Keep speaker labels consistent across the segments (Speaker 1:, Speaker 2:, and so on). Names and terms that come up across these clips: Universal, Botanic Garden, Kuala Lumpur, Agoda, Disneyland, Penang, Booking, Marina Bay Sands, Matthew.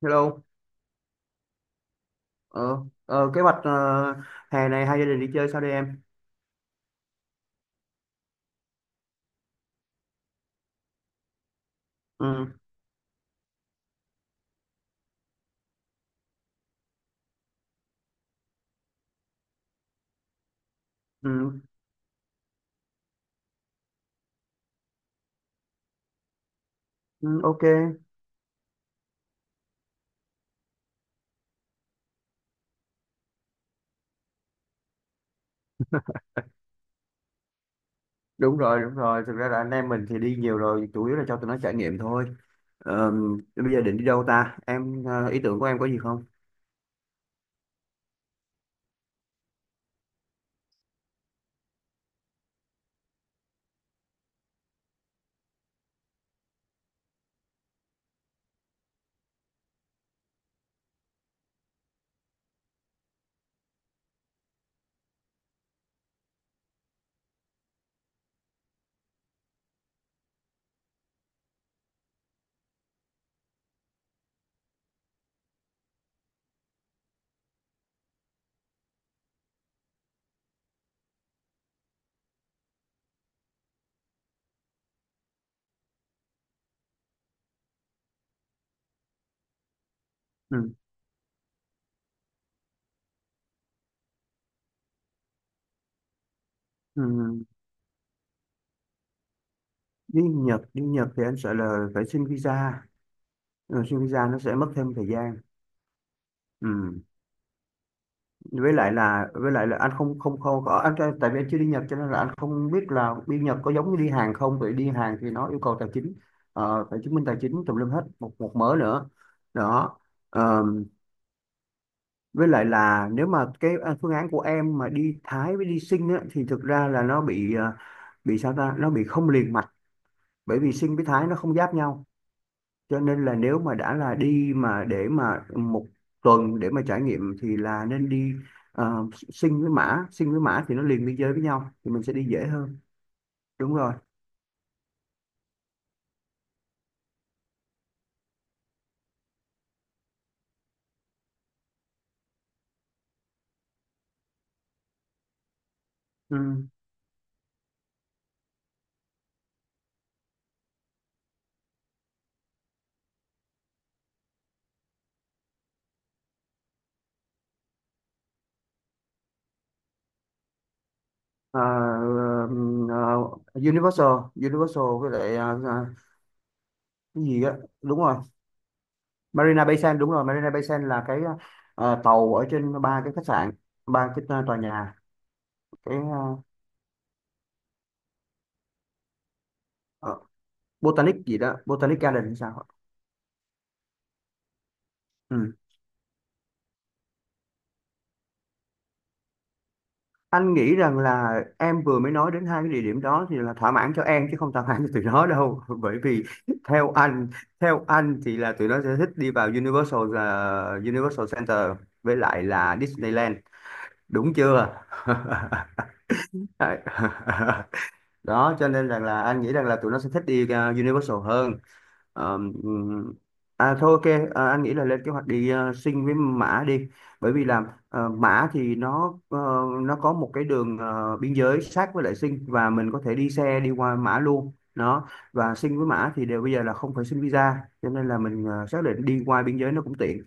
Speaker 1: Hello, ờ, kế hoạch hè này hai gia đình đi chơi sao đây em? Ừ, ừ, ừ, ok, đúng rồi, đúng rồi. Thực ra là anh em mình thì đi nhiều rồi, chủ yếu là cho tụi nó trải nghiệm thôi. Ờ, Bây giờ định đi đâu ta? Em, ý tưởng của em có gì không? Ừ, ừ, đi Nhật thì anh sợ là phải xin visa, ừ, xin visa nó sẽ mất thêm thời gian. Ừ. Với lại là anh không không không có anh, tại vì anh chưa đi Nhật cho nên là anh không biết là đi Nhật có giống như đi Hàn không. Vậy đi Hàn thì nó yêu cầu tài chính, phải chứng minh tài chính tùm lum hết, một một mớ nữa đó. Ờ, với lại là nếu mà cái phương án của em mà đi Thái với đi Sinh á, thì thực ra là nó bị bị sao ta, nó bị không liền mạch, bởi vì Sinh với Thái nó không giáp nhau, cho nên là nếu mà đã là đi mà để mà một tuần để mà trải nghiệm thì là nên đi, Sing với Mã thì nó liền biên giới với nhau thì mình sẽ đi dễ hơn. Đúng rồi, ừ. Ờ, ờ, ờ, Universal Universal với lại cái gì á. Đúng rồi, Marina Bay Sands. Đúng rồi, Marina Bay Sands là cái tàu ở trên ba cái khách sạn, ba cái tòa nhà. Cái ờ, Botanic gì đó, Botanic Garden hay sao ạ? Ừ. Anh nghĩ rằng là em vừa mới nói đến hai cái địa điểm đó thì là thỏa mãn cho em chứ không thỏa mãn cho tụi nó đâu bởi vì theo anh theo anh thì là tụi nó sẽ thích đi vào Universal, là Universal Center với lại là Disneyland, đúng chưa? Đấy. Đó, cho nên rằng là anh nghĩ rằng là tụi nó sẽ thích đi, Universal hơn. Ờ, Thôi, ok. Anh nghĩ là lên kế hoạch đi, Sinh với Mã đi, bởi vì là, Mã thì nó, nó có một cái đường, biên giới sát với lại Sinh, và mình có thể đi xe đi qua Mã luôn đó, và Sinh với Mã thì đều bây giờ là không phải xin visa, cho nên là mình xác định đi qua biên giới nó cũng tiện.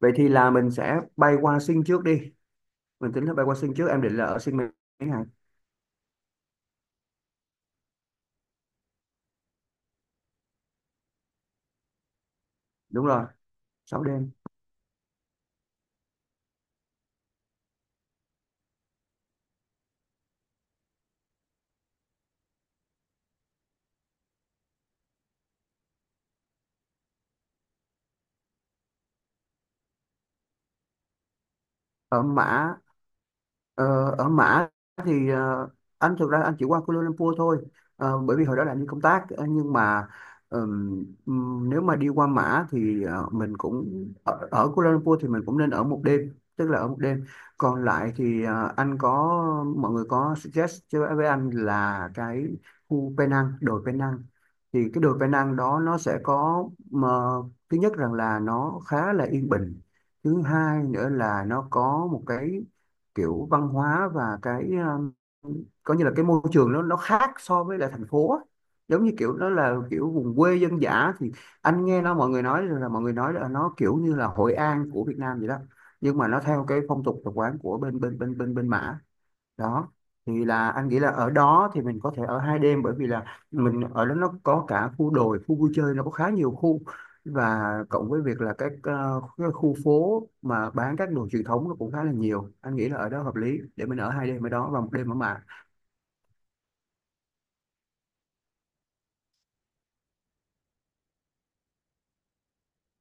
Speaker 1: Vậy thì là mình sẽ bay qua Sinh trước đi, mình tính là bay qua Sinh trước. Em định là ở Sinh mấy ngày? Đúng rồi, 6 đêm. Ở Mã. Ờ, Ở Mã thì anh, thực ra anh chỉ qua Kuala Lumpur thôi. Bởi vì hồi đó là anh đi công tác. Ờ, nhưng mà nếu mà đi qua Mã thì mình cũng ở, ở Kuala Lumpur thì mình cũng nên ở một đêm, tức là ở một đêm còn lại thì, anh có mọi người có suggest cho với anh là cái khu Penang, đồi Penang. Thì cái đồi Penang đó nó sẽ có mà, thứ nhất rằng là nó khá là yên bình, thứ hai nữa là nó có một cái kiểu văn hóa và cái, um, coi như là cái môi trường nó khác so với lại thành phố á. Giống như kiểu nó là kiểu vùng quê dân dã thì anh nghe nó, mọi người nói là nó kiểu như là Hội An của Việt Nam vậy đó, nhưng mà nó theo cái phong tục tập quán của bên bên bên bên bên Mã, đó. Thì là anh nghĩ là ở đó thì mình có thể ở 2 đêm, bởi vì là mình ở đó nó có cả khu đồi, khu vui chơi, nó có khá nhiều khu, và cộng với việc là các cái khu phố mà bán các đồ truyền thống nó cũng khá là nhiều. Anh nghĩ là ở đó hợp lý để mình ở 2 đêm ở đó, và 1 đêm ở Mạc.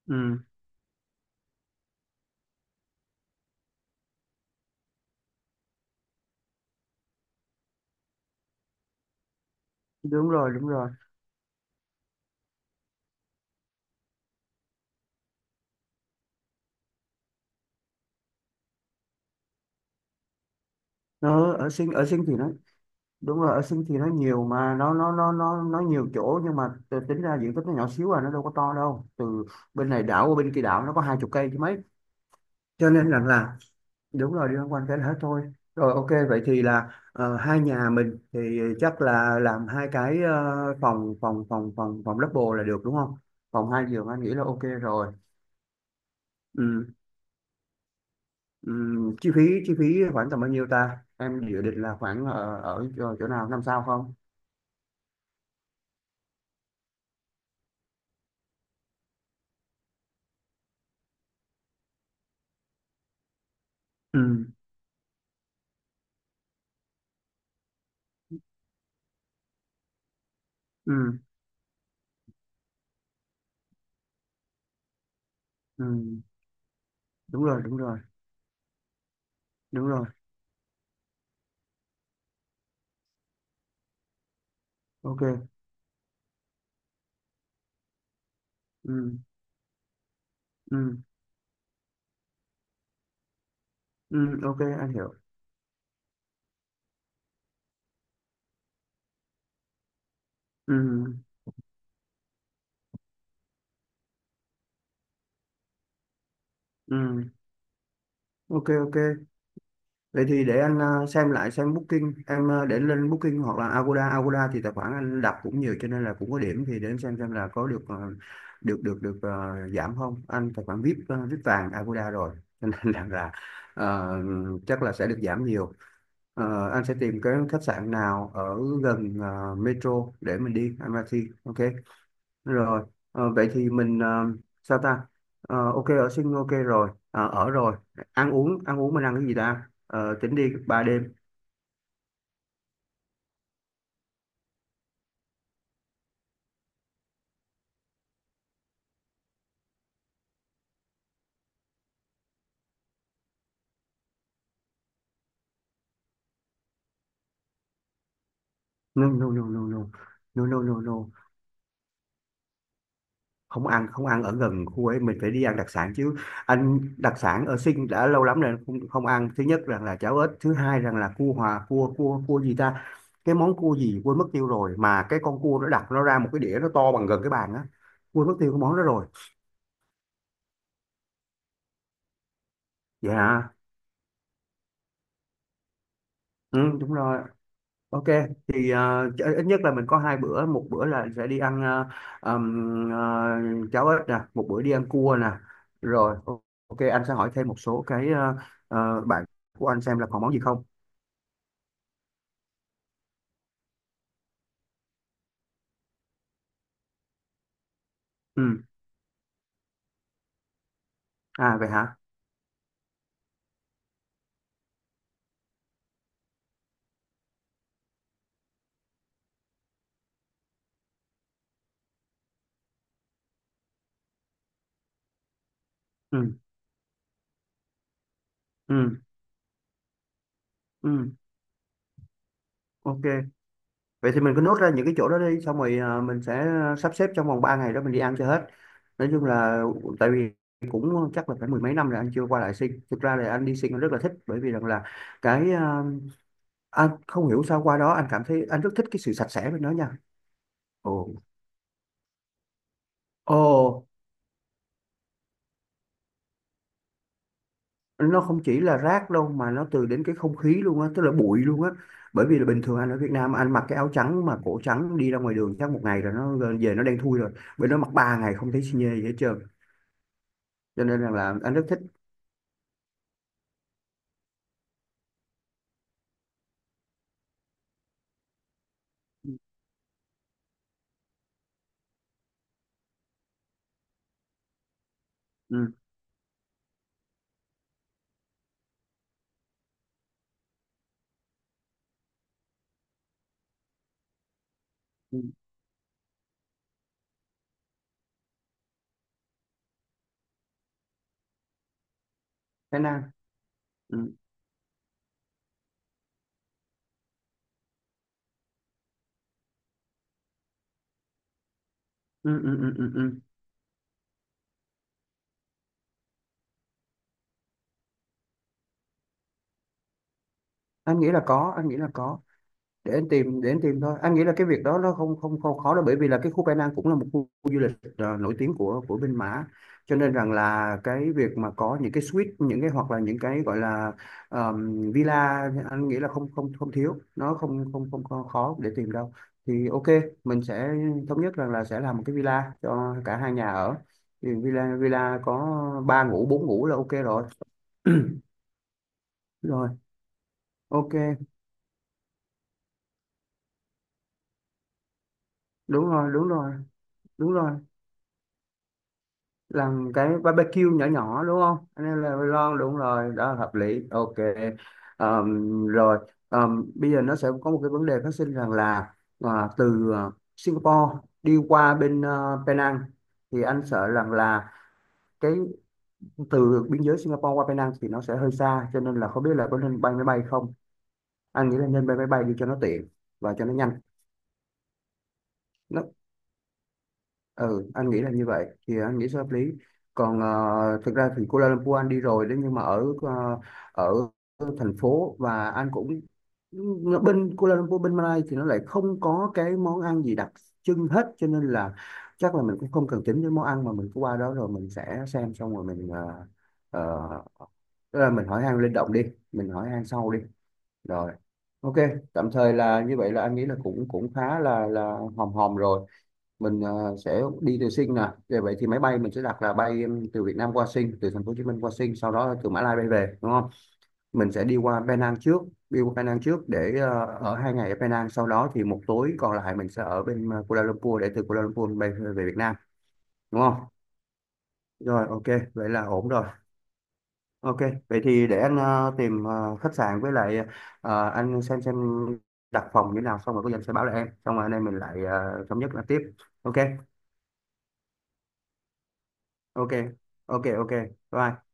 Speaker 1: Ừ, đúng rồi, đúng rồi. Nó ở Sing, ở Sing thì nó đúng rồi, ở Sing thì nó nhiều mà, nó nó nhiều chỗ, nhưng mà tính ra diện tích nó nhỏ xíu à, nó đâu có to đâu, từ bên này đảo qua bên kia đảo nó có 20 cây chứ mấy. Cho nên rằng là, đúng rồi, đi loanh quanh cái đó thôi. Rồi, ok, vậy thì là hai nhà mình thì chắc là làm hai cái, phòng phòng phòng phòng phòng double là được đúng không? Phòng hai giường anh nghĩ là ok rồi. Ừ, ừ, chi phí, chi phí khoảng tầm bao nhiêu ta? Em dự định là khoảng ở ở chỗ, chỗ nào 5 sao không? Ừ, ừ, ừ, đúng rồi, đúng rồi, đúng rồi, ok. Ừ, ừ, ừ, ok, anh hiểu. Ừ, ừ, ok, ok. Vậy thì để anh xem lại, xem Booking em, để lên Booking hoặc là Agoda. Agoda thì tài khoản anh đặt cũng nhiều cho nên là cũng có điểm, thì để anh xem là có được, được giảm không. Anh tài khoản VIP, VIP vàng Agoda rồi cho nên rằng là ờ, chắc là sẽ được giảm nhiều. Anh sẽ tìm cái khách sạn nào ở gần metro để mình đi anh Matthew, ok? Rồi, vậy thì mình, sao ta. Ok, ở Sinh ok rồi. Ờ, Ở rồi, ăn uống. Ăn uống mình ăn cái gì ta? Ờ, Tính đi 3 đêm. No, no, no, no, no, no, no, no, no, không ăn, không ăn ở gần khu ấy, mình phải đi ăn đặc sản chứ. Anh đặc sản ở Sinh đã lâu lắm rồi không, không ăn. Thứ nhất rằng là cháo ếch, thứ hai rằng là cua hòa, cua cua cua gì ta, cái món cua gì quên mất tiêu rồi. Mà cái con cua nó đặt nó ra một cái đĩa, nó to bằng gần cái bàn á. Quên mất tiêu cái món đó rồi. Dạ, ừ, đúng rồi. Ok, thì ít nhất là mình có hai bữa, một bữa là sẽ đi ăn ừm, ờ, cháo ếch nè, một bữa đi ăn cua nè. Rồi, ok, anh sẽ hỏi thêm một số cái bạn của anh xem là còn món gì không. Ừ, à vậy hả? Ừ, ừ, ừ, ok. Vậy thì mình cứ nốt ra những cái chỗ đó đi, xong rồi à, mình sẽ sắp xếp trong vòng 3 ngày đó mình đi ăn cho hết. Nói chung là, tại vì cũng chắc là phải mười mấy năm rồi anh chưa qua lại Sing. Thực ra là anh đi Sing anh rất là thích, bởi vì rằng là cái anh không hiểu sao qua đó anh cảm thấy anh rất thích cái sự sạch sẽ bên đó nha. Ồ. Ồ, nó không chỉ là rác đâu, mà nó từ đến cái không khí luôn á, tức là bụi luôn á. Bởi vì là bình thường anh ở Việt Nam anh mặc cái áo trắng mà cổ trắng đi ra ngoài đường chắc một ngày rồi nó về nó đen thui rồi. Bên đó mặc 3 ngày không thấy xi nhê gì hết trơn. Cho nên rằng là anh rất thích. Ừ. Ừ, Thái Lan. Ừ. Ừ, ừ, ừ, ừ, ừ. Anh nghĩ là có, để anh tìm, thôi anh nghĩ là cái việc đó nó không không không khó đâu, bởi vì là cái khu Penang, cũng là một khu du lịch nổi tiếng của bên Mã, cho nên rằng là cái việc mà có những cái suite, những cái, hoặc là những cái gọi là villa, anh nghĩ là không không không thiếu, nó không không không có khó để tìm đâu. Thì ok, mình sẽ thống nhất rằng là sẽ làm một cái villa cho cả hai nhà ở, thì villa, villa có ba ngủ bốn ngủ là ok rồi. Rồi, ok, đúng rồi, đúng rồi, đúng rồi. Làm cái barbecue nhỏ nhỏ đúng không, anh em là lon, đúng rồi, đó là hợp lý, ok. Rồi, bây giờ nó sẽ có một cái vấn đề phát sinh rằng là từ Singapore đi qua bên Penang thì anh sợ rằng là cái từ biên giới Singapore qua Penang thì nó sẽ hơi xa, cho nên là không biết là có nên bay máy bay không. Anh nghĩ là nên bay máy bay đi cho nó tiện và cho nó nhanh. Nó, ừ, anh nghĩ là như vậy thì anh nghĩ sẽ hợp lý. Còn thực ra thì Kuala Lumpur anh đi rồi đấy, nhưng mà ở ở thành phố, và anh cũng, ừ, bên Kuala Lumpur, bên Malaysia thì nó lại không có cái món ăn gì đặc trưng hết, cho nên là chắc là mình cũng không cần tính đến món ăn, mà mình cứ qua đó rồi mình sẽ xem, xong rồi mình ờ, tức là mình hỏi han linh động đi, mình hỏi han sau đi. Rồi ok, tạm thời là như vậy là anh nghĩ là cũng cũng khá là hòm hòm rồi. Mình sẽ đi từ Sing nè. Vậy, thì máy bay mình sẽ đặt là bay em, từ Việt Nam qua Sing, từ thành phố Hồ Chí Minh qua Sing, sau đó từ Mã Lai bay về, đúng không? Mình sẽ đi qua Penang trước, để ở 2 ngày ở Penang, sau đó thì một tối còn lại mình sẽ ở bên Kuala Lumpur, để từ Kuala Lumpur bay về, Việt Nam, đúng không? Rồi ok, vậy là ổn rồi, ok. Vậy thì để anh tìm khách sạn, với lại anh xem đặt phòng như thế nào, xong rồi có gì anh sẽ báo lại em, xong rồi anh em mình lại thống nhất là tiếp. Ok, ok, ok, ok, bye.